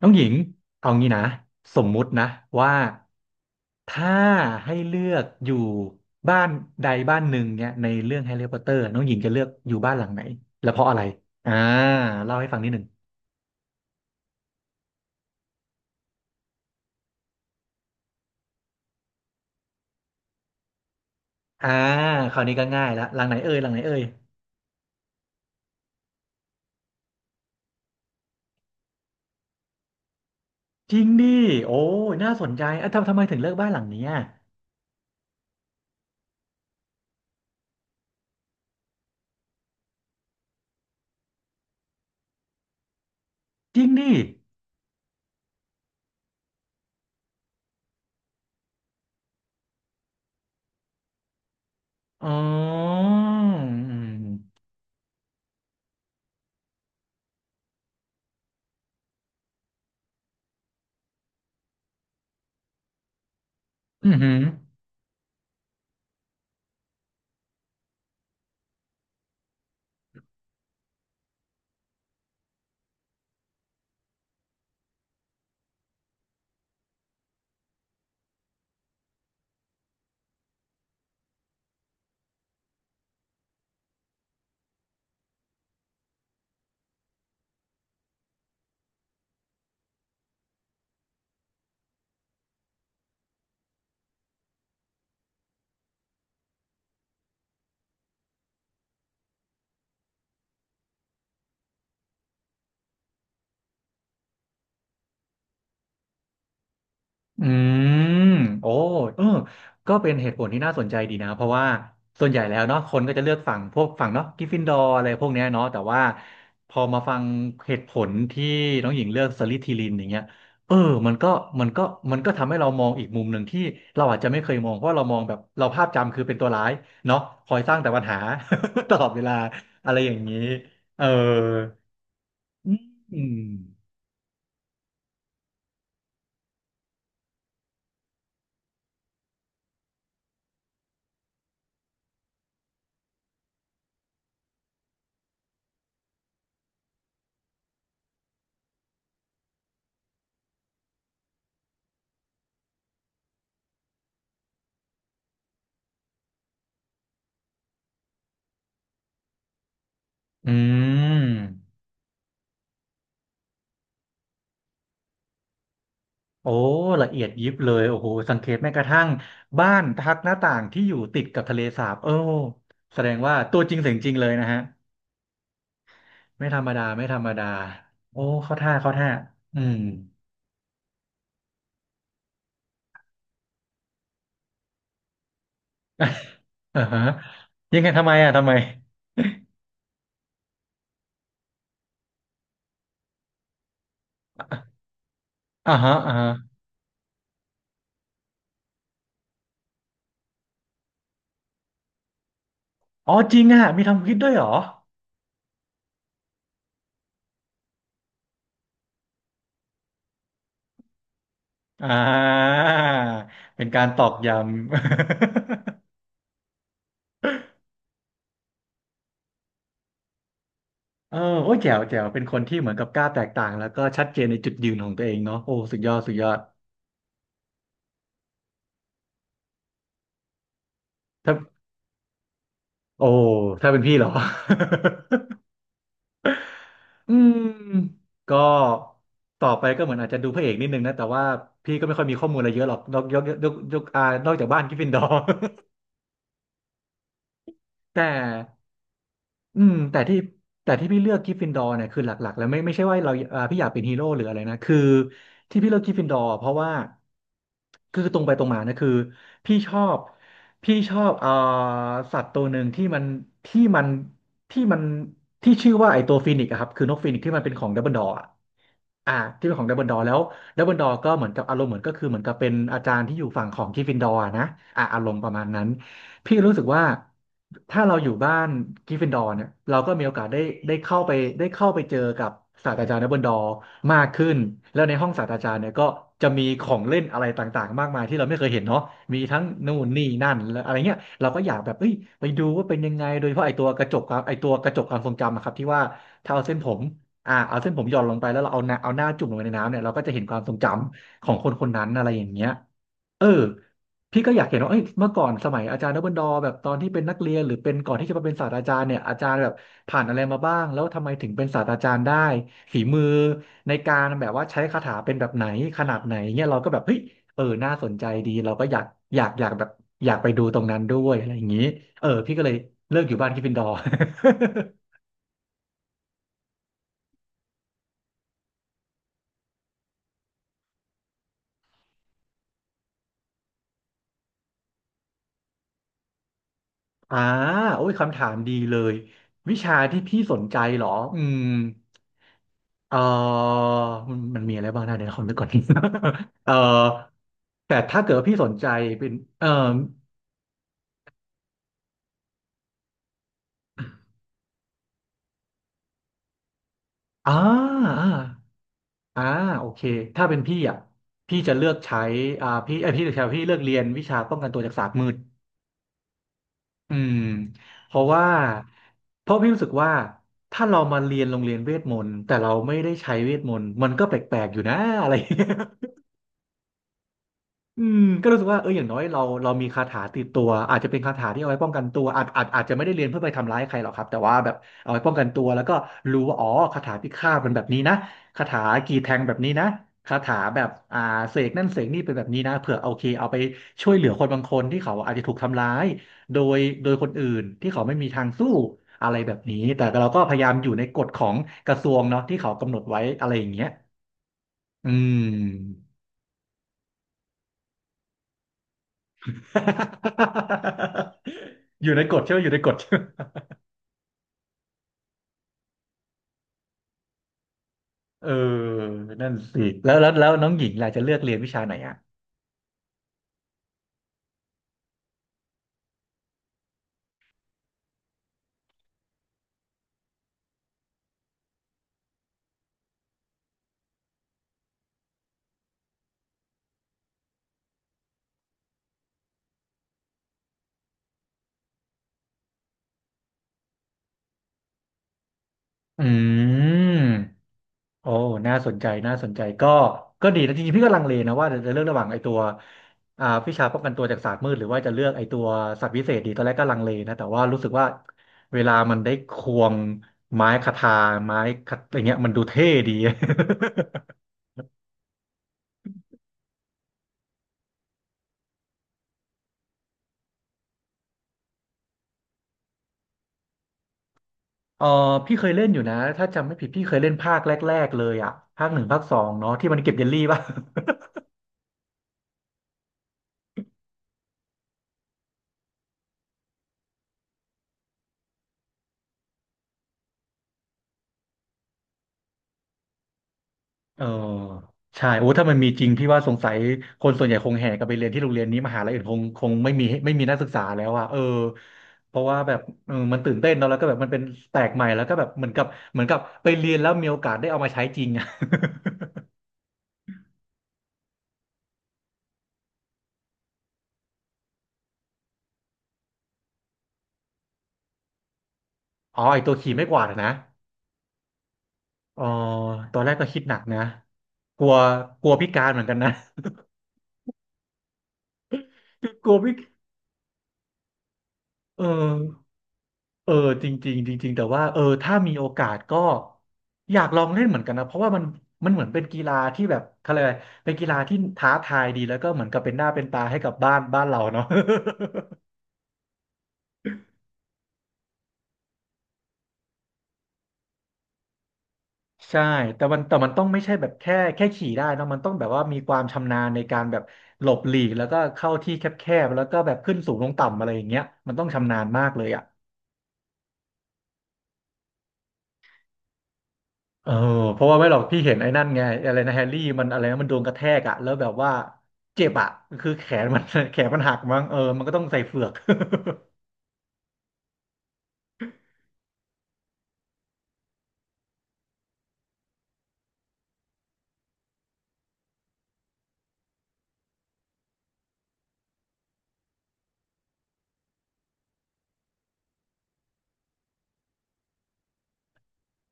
น้องหญิงเอางี้นะสมมุตินะว่าถ้าให้เลือกอยู่บ้านใดบ้านหนึ่งเนี่ยในเรื่องแฮร์รี่พอตเตอร์น้องหญิงจะเลือกอยู่บ้านหลังไหนและเพราะอะไรอ่าเล่าให้ฟังนิดหนึ่งอ่าคราวนี้ก็ง่ายละหลังไหนเอ่ยหลังไหนเอ่ยจริงดิโอ้ยน่าสนใจอ่ะทำไมถึงเลือกบ้านหลังเนี้ยจริงดิอ๋ออืมอืม อืมโอ้เออก็เป็นเหตุผลที่น่าสนใจดีนะเพราะว่าส่วนใหญ่แล้วเนาะคนก็จะเลือกฝั่งพวกฝั่งเนาะกริฟฟินดอร์อะไรพวกเนี้ยเนาะแต่ว่าพอมาฟังเหตุผลที่น้องหญิงเลือกสลิธีรินอย่างเงี้ยเออมันก็มันก็มันก็ทำให้เรามองอีกมุมหนึ่งที่เราอาจจะไม่เคยมองเพราะเรามองแบบเราภาพจำคือเป็นตัวร้ายเนาะคอยสร้างแต่ปัญหา ตลอดเวลาอะไรอย่างนี้เออืมอม โอ้ละเอียดยิบเลยโอ้โหสังเกตแม้กระทั่งบ้านทักหน้าต่างที่อยู่ติดกับทะเลสาบโอ้แสดงว่าตัวจริงเสียงจริงเลยนะฮะไม่ธรรมดาไม่ธรรมดาโอ้เข้าท่าเข้าท่าอืม อ่าฮะยังไงทำไมอ่ะทำไม อ่าฮะอ่าฮะอ๋อจริงอ่ะมีทำคลิปด้วยเหรออ่าเป็นการตอกย้ำ เออโอ้ยแจ๋วแจ๋วเป็นคนที่เหมือนกับกล้าแตกต่างแล้วก็ชัดเจนในจุดยืนของตัวเองเนาะโอ้สุดยอดสุดยอดถ้า โอ้ ถ้าเป็นพี่เหรอ อืม ก็ต่อไปก็เหมือนอาจจะดูพระเอกนิดนึงนะ แต่ว่าพี่ก็ไม่ค่อยมีข้อมูลอะไรเยอะหรอก นอกยกยกยกยกอ่านอกจากบ้านกริฟฟินดอร์ แต่ อืมแต่ที่พี่เลือกกริฟฟินดอร์เนี่ยคือหลักๆแล้วไม่ใช่ว่าเราอ่าพี่อยากเป็นฮีโร่หรืออะไรนะคือที่พี่เลือกกริฟฟินดอร์เพราะว่าคือตรงไปตรงมานะคือพี่ชอบพี่ชอบสัตว์ตัวหนึ่งที่มันที่มันที่ชื่อว่าไอตัวฟีนิกซ์อะครับคือนกฟีนิกซ์ที่มันเป็นของดัมเบิลดอร์ อ่าที่เป็นของดัมเบิลดอร์แล้วดัมเบิลดอร์ก็เหมือนกับอารมณ์เหมือนก็คือเหมือนกับเป็นอาจารย์ที่อยู่ฝั่งของก r ฟฟินดอร์นะอ่าอารมณ์ประมาณนั้นพี่รู้สึกว่าถ้าเราอยู่บ้านก r ฟฟินดอร์เนี่ยเราก็มีโอกาสได้เข้าไปได้เข้าไปเจอกับศาสตราจารย์ดัมเบิลดอร์มากขึ้นแล้วในห้องศาสตราจารย์เนี่ยก็จะมีของเล่นอะไรต่างๆมากมายที่เราไม่เคยเห็นเนาะมีทั้งนู่นนี่นั่นและอะไรเงี้ยเราก็อยากแบบเอ้ยไปดูว่าเป็นยังไงโดยเฉพาะไอตัวกระจกความทรงจำอะครับที่ว่าถ้าเอาเส้นผม เอาเส้นผมหย่อนลงไปแล้วเราเอาหน้าจุ่มลงไปในน้ำเนี่ยเราก็จะเห็นความทรงจำของคนคนนั้นอะไรอย่างเงี้ยเออพี่ก็อยากเห็นว่าเอ้ยเมื่อก่อนสมัยอาจารย์ดับเบิลดอแบบตอนที่เป็นนักเรียนหรือเป็นก่อนที่จะมาเป็นศาสตราจารย์เนี่ยอาจารย์แบบผ่านอะไรมาบ้างแล้วทำไมถึงเป็นศาสตราจารย์ได้ฝีมือในการแบบว่าใช้คาถาเป็นแบบไหนขนาดไหนเงี้ยเราก็แบบเฮ้ยเออน่าสนใจดีเราก็อยากแบบอยากไปดูตรงนั้นด้วยอะไรอย่างงี้เออพี่ก็เลยเลิกอยู่บ้านกริฟฟินดอร์ อ่าโอ้ยคำถามดีเลยวิชาที่พี่สนใจเหรออืมเออมันมีอะไรบ้างนะเดี๋ยวขอนึกก่อน เออแต่ถ้าเกิดว่าพี่สนใจเป็นเอออ่าอ่าอ่าโอเคถ้าเป็นพี่อ่ะพี่จะเลือกใช้อ่าพี่เอยพี่จะใช้พี่เลือกเรียนวิชาป้องกันตัวจากศาสตร์มืดอืมเพราะว่าเพราะพี่รู้สึกว่าถ้าเรามาเรียนโรงเรียนเวทมนต์แต่เราไม่ได้ใช้เวทมนต์มันก็แปลกๆอยู่นะอะไรอย่างเงี้ย อืมก็รู้สึกว่าอย่างน้อยเรามีคาถาติดตัวอาจจะเป็นคาถาที่เอาไว้ป้องกันตัวอาจจะไม่ได้เรียนเพื่อไปทำร้ายใครหรอกครับแต่ว่าแบบเอาไว้ป้องกันตัวแล้วก็รู้ว่าอ๋อคาถาพิฆาตเป็นแบบนี้นะคาถากี่แทงแบบนี้นะคาถาแบบเสกนั่นเสกนี่เป็นแบบนี้นะเผื่อโอเคเอาไปช่วยเหลือคนบางคนที่เขาอาจจะถูกทำร้ายโดยคนอื่นที่เขาไม่มีทางสู้อะไรแบบนี้แต่เราก็พยายามอยู่ในกฎของกระทรวงเนาะที่เขากำหนดไว้อะไรอย่างเงี้ยอืม อยู่ในกฎใช่ไหมอยู่ในกฎใช่ไหมเออนั่นสิแล้วน้องหญิงล่ะจะเลือกเรียนวิชาไหนอ่ะอืมโอ้น่าสนใจน่าสนใจก็ดีนะจริงๆพี่ก็ลังเลนะว่าจะเลือกระหว่างไอ้ตัววิชาป้องกันตัวจากศาสตร์มืดหรือว่าจะเลือกไอ้ตัวสัตว์วิเศษดีตอนแรกก็ลังเลนะแต่ว่ารู้สึกว่าเวลามันได้ควงไม้คทาไม้คทอะไรเงี้ยมันดูเท่ดี เออพี่เคยเล่นอยู่นะถ้าจำไม่ผิดพี่เคยเล่นภาคแรกๆเลยอ่ะภาคหนึ่งภาคสองเนาะที่มันเก็บเยลลี่ป่ะ เออใช่โอ้ถ้ามันมีจริงพี่ว่าสงสัยคนส่วนใหญ่คงแห่กันไปเรียนที่โรงเรียนนี้มหาลัยอื่นคงไม่มีนักศึกษาแล้วอ่ะเพราะว่าแบบมันตื่นเต้นเนาะแล้วก็แบบมันเป็นแปลกใหม่แล้วก็แบบเหมือนกับไปเรียนแล้วมีโอกาสได้เอามาใช้จริงอ่ะ อ๋อไอตัวขี่ไม้กวาดอะนะเอ๋อตอนแรกก็คิดหนักนะกลัวกลัวพิการเหมือนกันนะ คือกลัวพิเออ เออจริงๆจริงๆแต่ว่าถ้ามีโอกาสก็อยากลองเล่นเหมือนกันนะเพราะว่ามันเหมือนเป็นกีฬาที่แบบเขาเรียกอะไรเป็นกีฬาที่ท้าทายดีแล้วก็เหมือนกับเป็นหน้าเป็นตาให้กับบ้านเราเนาะ ใช่แต่มันต้องไม่ใช่แบบแค่ขี่ได้นะมันต้องแบบว่ามีความชำนาญในการแบบหลบหลีกแล้วก็เข้าที่แคบๆแล้วก็แบบขึ้นสูงลงต่ำอะไรอย่างเงี้ยมันต้องชำนาญมากเลยอ่ะ เออเพราะว่าไม่หรอกพี่เห็นไอ้นั่นไงอะไรนะแฮร์รี่มันอะไรนะมันโดนกระแทกอะแล้วแบบว่าเจ็บอะคือแขนมัน แขนมันหักมั้งเออมันก็ต้องใส่เฝือก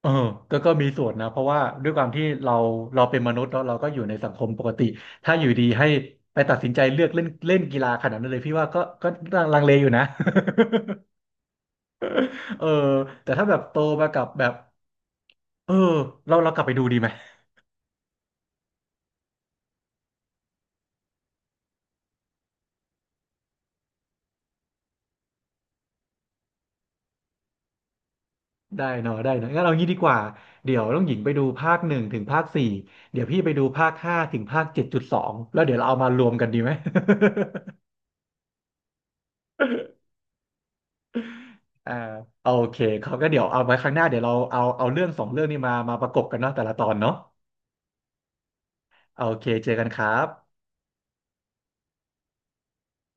เออก็มีส่วนนะเพราะว่าด้วยความที่เราเป็นมนุษย์เนาะเราก็อยู่ในสังคมปกติถ้าอยู่ดีให้ไปตัดสินใจเลือกเล่นเล่นกีฬาขนาดนั้นเลยพี่ว่าก็ลังเลอยู่นะ เออแต่ถ้าแบบโตมากับแบบเออเรากลับไปดูดีไหม ได้เนาะได้เนาะงั้นเอางี้ดีกว่าเดี๋ยวต้องหญิงไปดูภาคหนึ่งถึงภาคสี่เดี๋ยวพี่ไปดูภาคห้าถึงภาคเจ็ดจุดสองแล้วเดี๋ยวเราเอามารวมกันดีไหม อ่าโอเคเขาก็เดี๋ยวเอาไว้ครั้งหน้าเดี๋ยวเราเอาเรื่องสองเรื่องนี้มาประกบกันเนาะแต่ละตอนเนาะโอเคเจอกันครับ